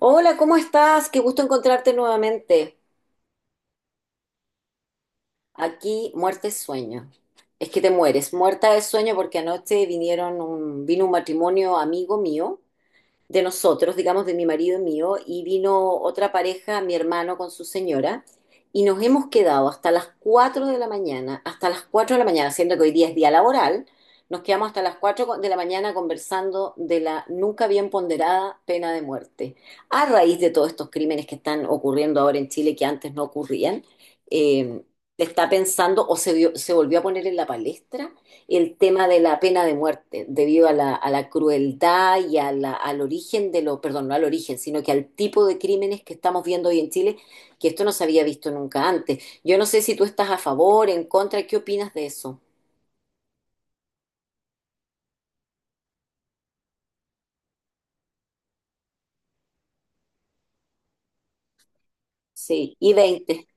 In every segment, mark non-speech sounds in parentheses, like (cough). Hola, ¿cómo estás? Qué gusto encontrarte nuevamente. Aquí, muerte es sueño. Es que te mueres, muerta de sueño porque anoche vino un matrimonio amigo mío de nosotros, digamos, de mi marido y mío, y vino otra pareja, mi hermano con su señora, y nos hemos quedado hasta las 4 de la mañana, hasta las 4 de la mañana, siendo que hoy día es día laboral, nos quedamos hasta las 4 de la mañana conversando de la nunca bien ponderada pena de muerte, a raíz de todos estos crímenes que están ocurriendo ahora en Chile que antes no ocurrían. eh, Está pensando o se volvió a poner en la palestra el tema de la pena de muerte debido a la crueldad y a la, al origen de lo, perdón, no al origen, sino que al tipo de crímenes que estamos viendo hoy en Chile, que esto no se había visto nunca antes. Yo no sé si tú estás a favor, en contra, ¿qué opinas de eso? Sí, y 20.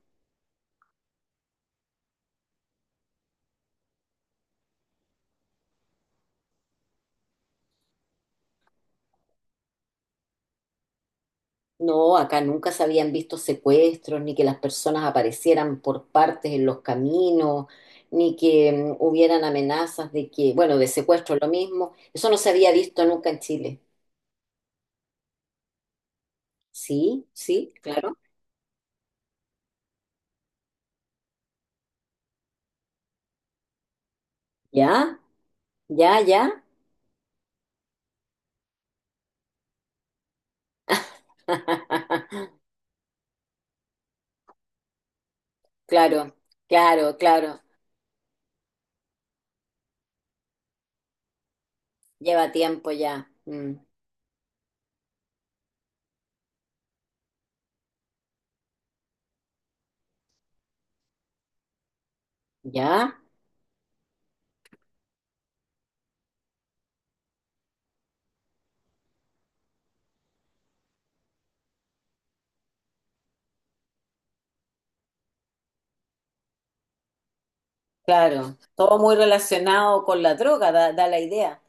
No, acá nunca se habían visto secuestros, ni que las personas aparecieran por partes en los caminos, ni que hubieran amenazas de que, bueno, de secuestro lo mismo. Eso no se había visto nunca en Chile. Sí, sí, claro. ¿Ya? Ya, ya. (laughs) Claro, claro, claro. Lleva tiempo ya. Mm. Ya, claro. Todo muy relacionado con la droga, da la idea.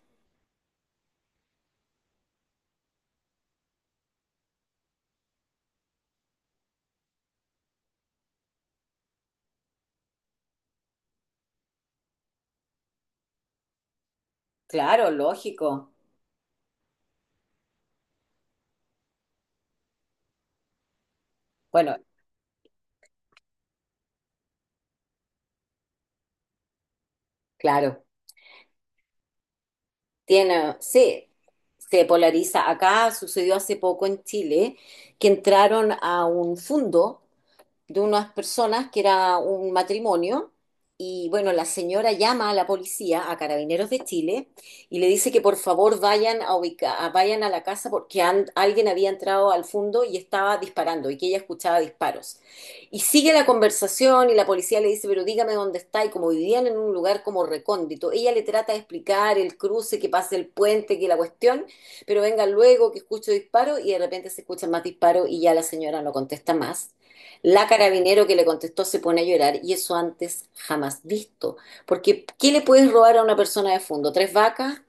Claro, lógico. Bueno, claro. Tiene, sí, se polariza. Acá sucedió hace poco en Chile que entraron a un fondo de unas personas que era un matrimonio. Y bueno, la señora llama a la policía, a Carabineros de Chile, y le dice que por favor vayan a la casa porque alguien había entrado al fondo y estaba disparando y que ella escuchaba disparos. Y sigue la conversación y la policía le dice, pero dígame dónde está. Y como vivían en un lugar como recóndito, ella le trata de explicar el cruce, que pase el puente, que la cuestión, pero venga luego que escucho disparos y de repente se escuchan más disparos y ya la señora no contesta más. La carabinero que le contestó se pone a llorar y eso antes jamás visto. Porque, ¿qué le puedes robar a una persona de fondo? ¿Tres vacas?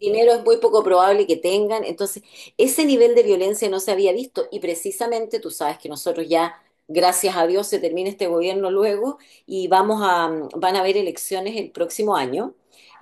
Dinero es muy poco probable que tengan. Entonces, ese nivel de violencia no se había visto y precisamente tú sabes que nosotros ya, gracias a Dios, se termina este gobierno luego y van a haber elecciones el próximo año.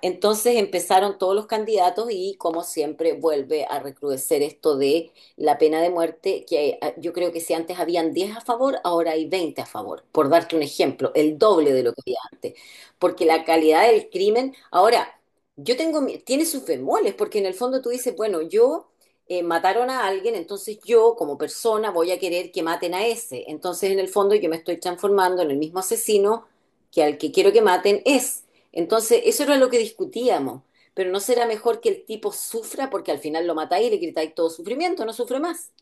Entonces empezaron todos los candidatos y como siempre vuelve a recrudecer esto de la pena de muerte, que yo creo que si antes habían 10 a favor, ahora hay 20 a favor, por darte un ejemplo, el doble de lo que había antes, porque la calidad del crimen, ahora tiene sus bemoles, porque en el fondo tú dices, bueno, yo mataron a alguien, entonces yo como persona voy a querer que maten a ese. Entonces en el fondo yo me estoy transformando en el mismo asesino que al que quiero que maten es. Entonces eso era lo que discutíamos, pero ¿no será mejor que el tipo sufra porque al final lo matáis y le gritáis todo sufrimiento, no sufre más?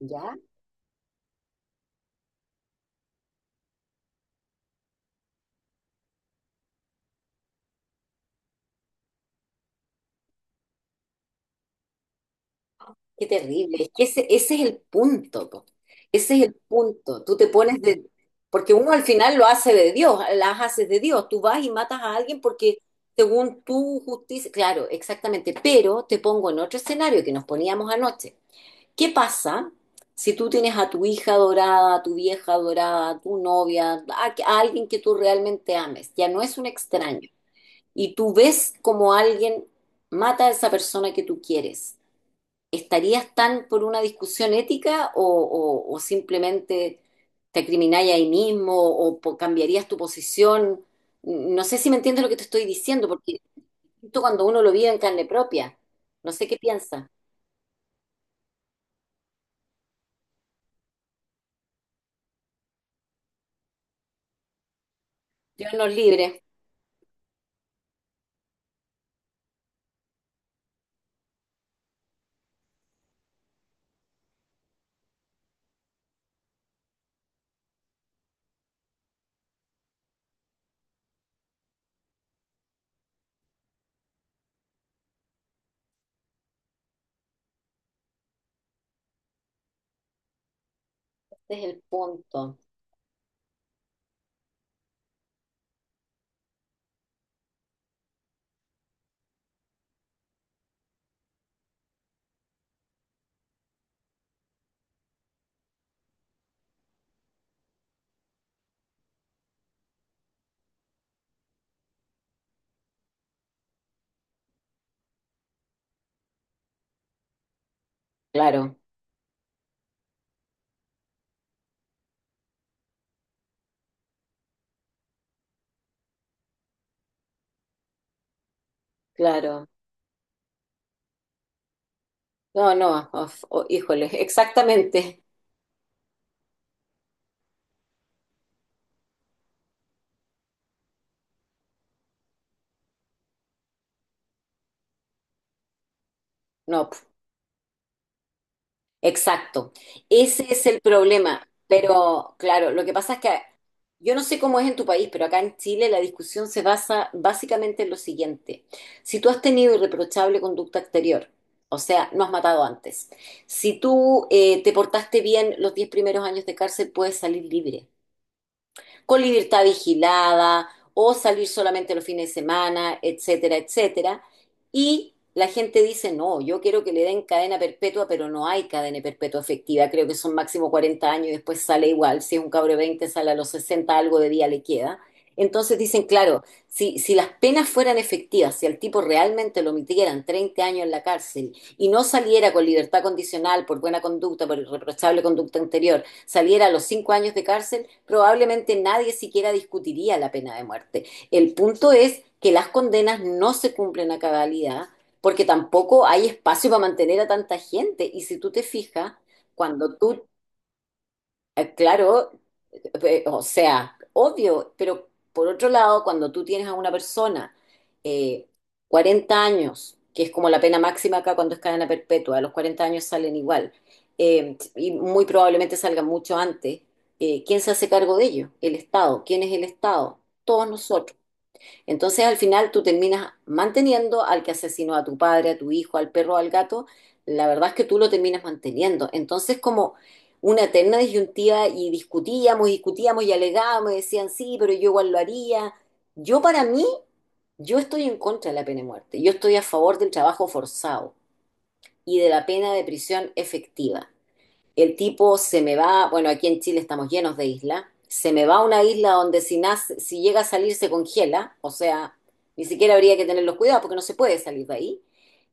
¿Ya? Qué terrible, es que ese es el punto, po. Ese es el punto. Tú te pones de... Porque uno al final lo hace de Dios, las haces de Dios. Tú vas y matas a alguien porque según tu justicia... Claro, exactamente. Pero te pongo en otro escenario que nos poníamos anoche. ¿Qué pasa si tú tienes a tu hija adorada, a tu vieja adorada, a tu novia, a alguien que tú realmente ames? Ya no es un extraño. Y tú ves como alguien mata a esa persona que tú quieres, ¿estarías tan por una discusión ética o simplemente te acrimináis ahí mismo o cambiarías tu posición? No sé si me entiendes lo que te estoy diciendo, porque es distinto cuando uno lo vive en carne propia, no sé qué piensa. Dios nos libre, ese es el punto. Claro, claro. No, no, oh, híjole, (laughs) exactamente. No, exacto. Ese es el problema. Pero claro, lo que pasa es que yo no sé cómo es en tu país, pero acá en Chile la discusión se basa básicamente en lo siguiente. Si tú has tenido irreprochable conducta exterior, o sea, no has matado antes, si tú te portaste bien los 10 primeros años de cárcel, puedes salir libre con libertad vigilada o salir solamente los fines de semana, etcétera, etcétera. Y la gente dice, no, yo quiero que le den cadena perpetua, pero no hay cadena perpetua efectiva, creo que son máximo 40 años y después sale igual, si es un cabro de 20 sale a los 60 algo de día le queda. Entonces dicen, claro, si las penas fueran efectivas, si al tipo realmente lo metieran 30 años en la cárcel y no saliera con libertad condicional por buena conducta, por irreprochable conducta anterior, saliera a los 5 años de cárcel, probablemente nadie siquiera discutiría la pena de muerte. El punto es que las condenas no se cumplen a cabalidad porque tampoco hay espacio para mantener a tanta gente. Y si tú te fijas, cuando tú, claro, o sea, obvio, pero por otro lado, cuando tú tienes a una persona eh, 40 años, que es como la pena máxima acá cuando es cadena perpetua, a los 40 años salen igual, y muy probablemente salgan mucho antes, ¿quién se hace cargo de ello? El Estado. ¿Quién es el Estado? Todos nosotros. Entonces al final tú terminas manteniendo al que asesinó a tu padre, a tu hijo, al perro, al gato. La verdad es que tú lo terminas manteniendo. Entonces como una eterna disyuntiva y discutíamos, discutíamos y alegábamos y decían, sí, pero yo igual lo haría. Yo para mí, yo estoy en contra de la pena de muerte. Yo estoy a favor del trabajo forzado y de la pena de prisión efectiva. El tipo se me va, bueno, aquí en Chile estamos llenos de islas, se me va a una isla donde si llega a salir se congela, o sea, ni siquiera habría que tener los cuidados porque no se puede salir de ahí.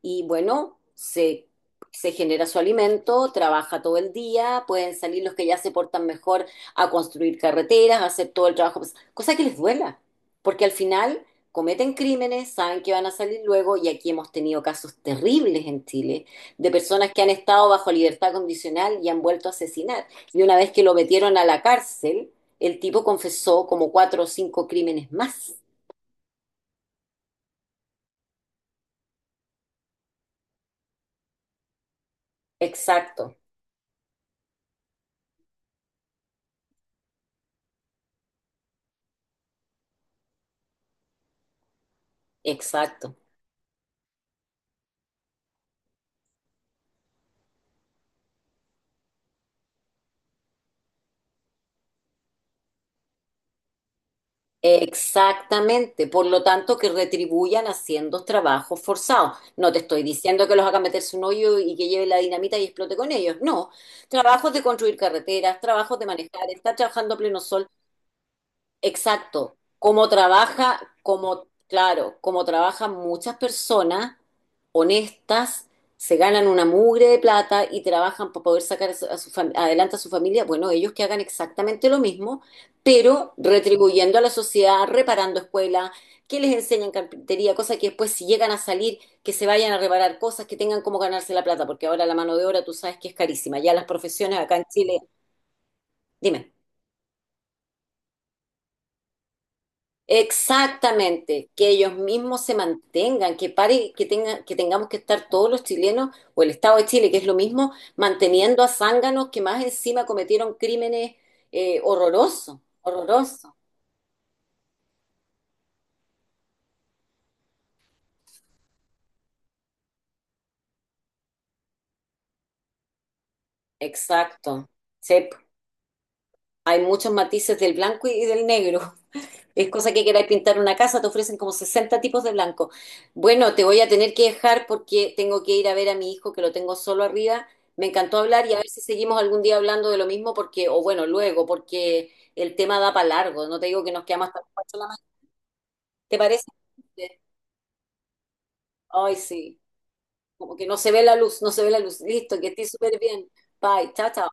Y bueno, se genera su alimento, trabaja todo el día, pueden salir los que ya se portan mejor a construir carreteras, a hacer todo el trabajo, pues, cosa que les duela, porque al final cometen crímenes, saben que van a salir luego y aquí hemos tenido casos terribles en Chile de personas que han estado bajo libertad condicional y han vuelto a asesinar. Y una vez que lo metieron a la cárcel, el tipo confesó como cuatro o cinco crímenes más. Exacto, exacto. Exactamente. Por lo tanto, que retribuyan haciendo trabajos forzados. No te estoy diciendo que los hagan meterse un hoyo y que lleve la dinamita y explote con ellos. No. Trabajos de construir carreteras, trabajos de manejar, estar trabajando a pleno sol. Exacto, cómo trabaja, como claro, cómo trabajan muchas personas honestas, se ganan una mugre de plata y trabajan para poder sacar adelante a su familia. Bueno, ellos que hagan exactamente lo mismo, pero retribuyendo a la sociedad, reparando escuelas, que les enseñen carpintería, cosas que después si llegan a salir, que se vayan a reparar cosas, que tengan cómo ganarse la plata, porque ahora la mano de obra tú sabes que es carísima. Ya las profesiones acá en Chile, dime. Exactamente, que ellos mismos se mantengan, que pare, que tenga, que tengamos que estar todos los chilenos o el Estado de Chile, que es lo mismo, manteniendo a zánganos que más encima cometieron crímenes horrorosos, horrorosos. Exacto. Sí, hay muchos matices del blanco y del negro. Es cosa que queráis pintar una casa, te ofrecen como 60 tipos de blanco. Bueno, te voy a tener que dejar porque tengo que ir a ver a mi hijo que lo tengo solo arriba. Me encantó hablar y a ver si seguimos algún día hablando de lo mismo porque, o bueno, luego, porque el tema da para largo. No te digo que nos quedamos hasta las 4 de la mañana. ¿Te parece? Ay, sí. Como que no se ve la luz, no se ve la luz. Listo, que estés súper bien. Bye, chao, chao.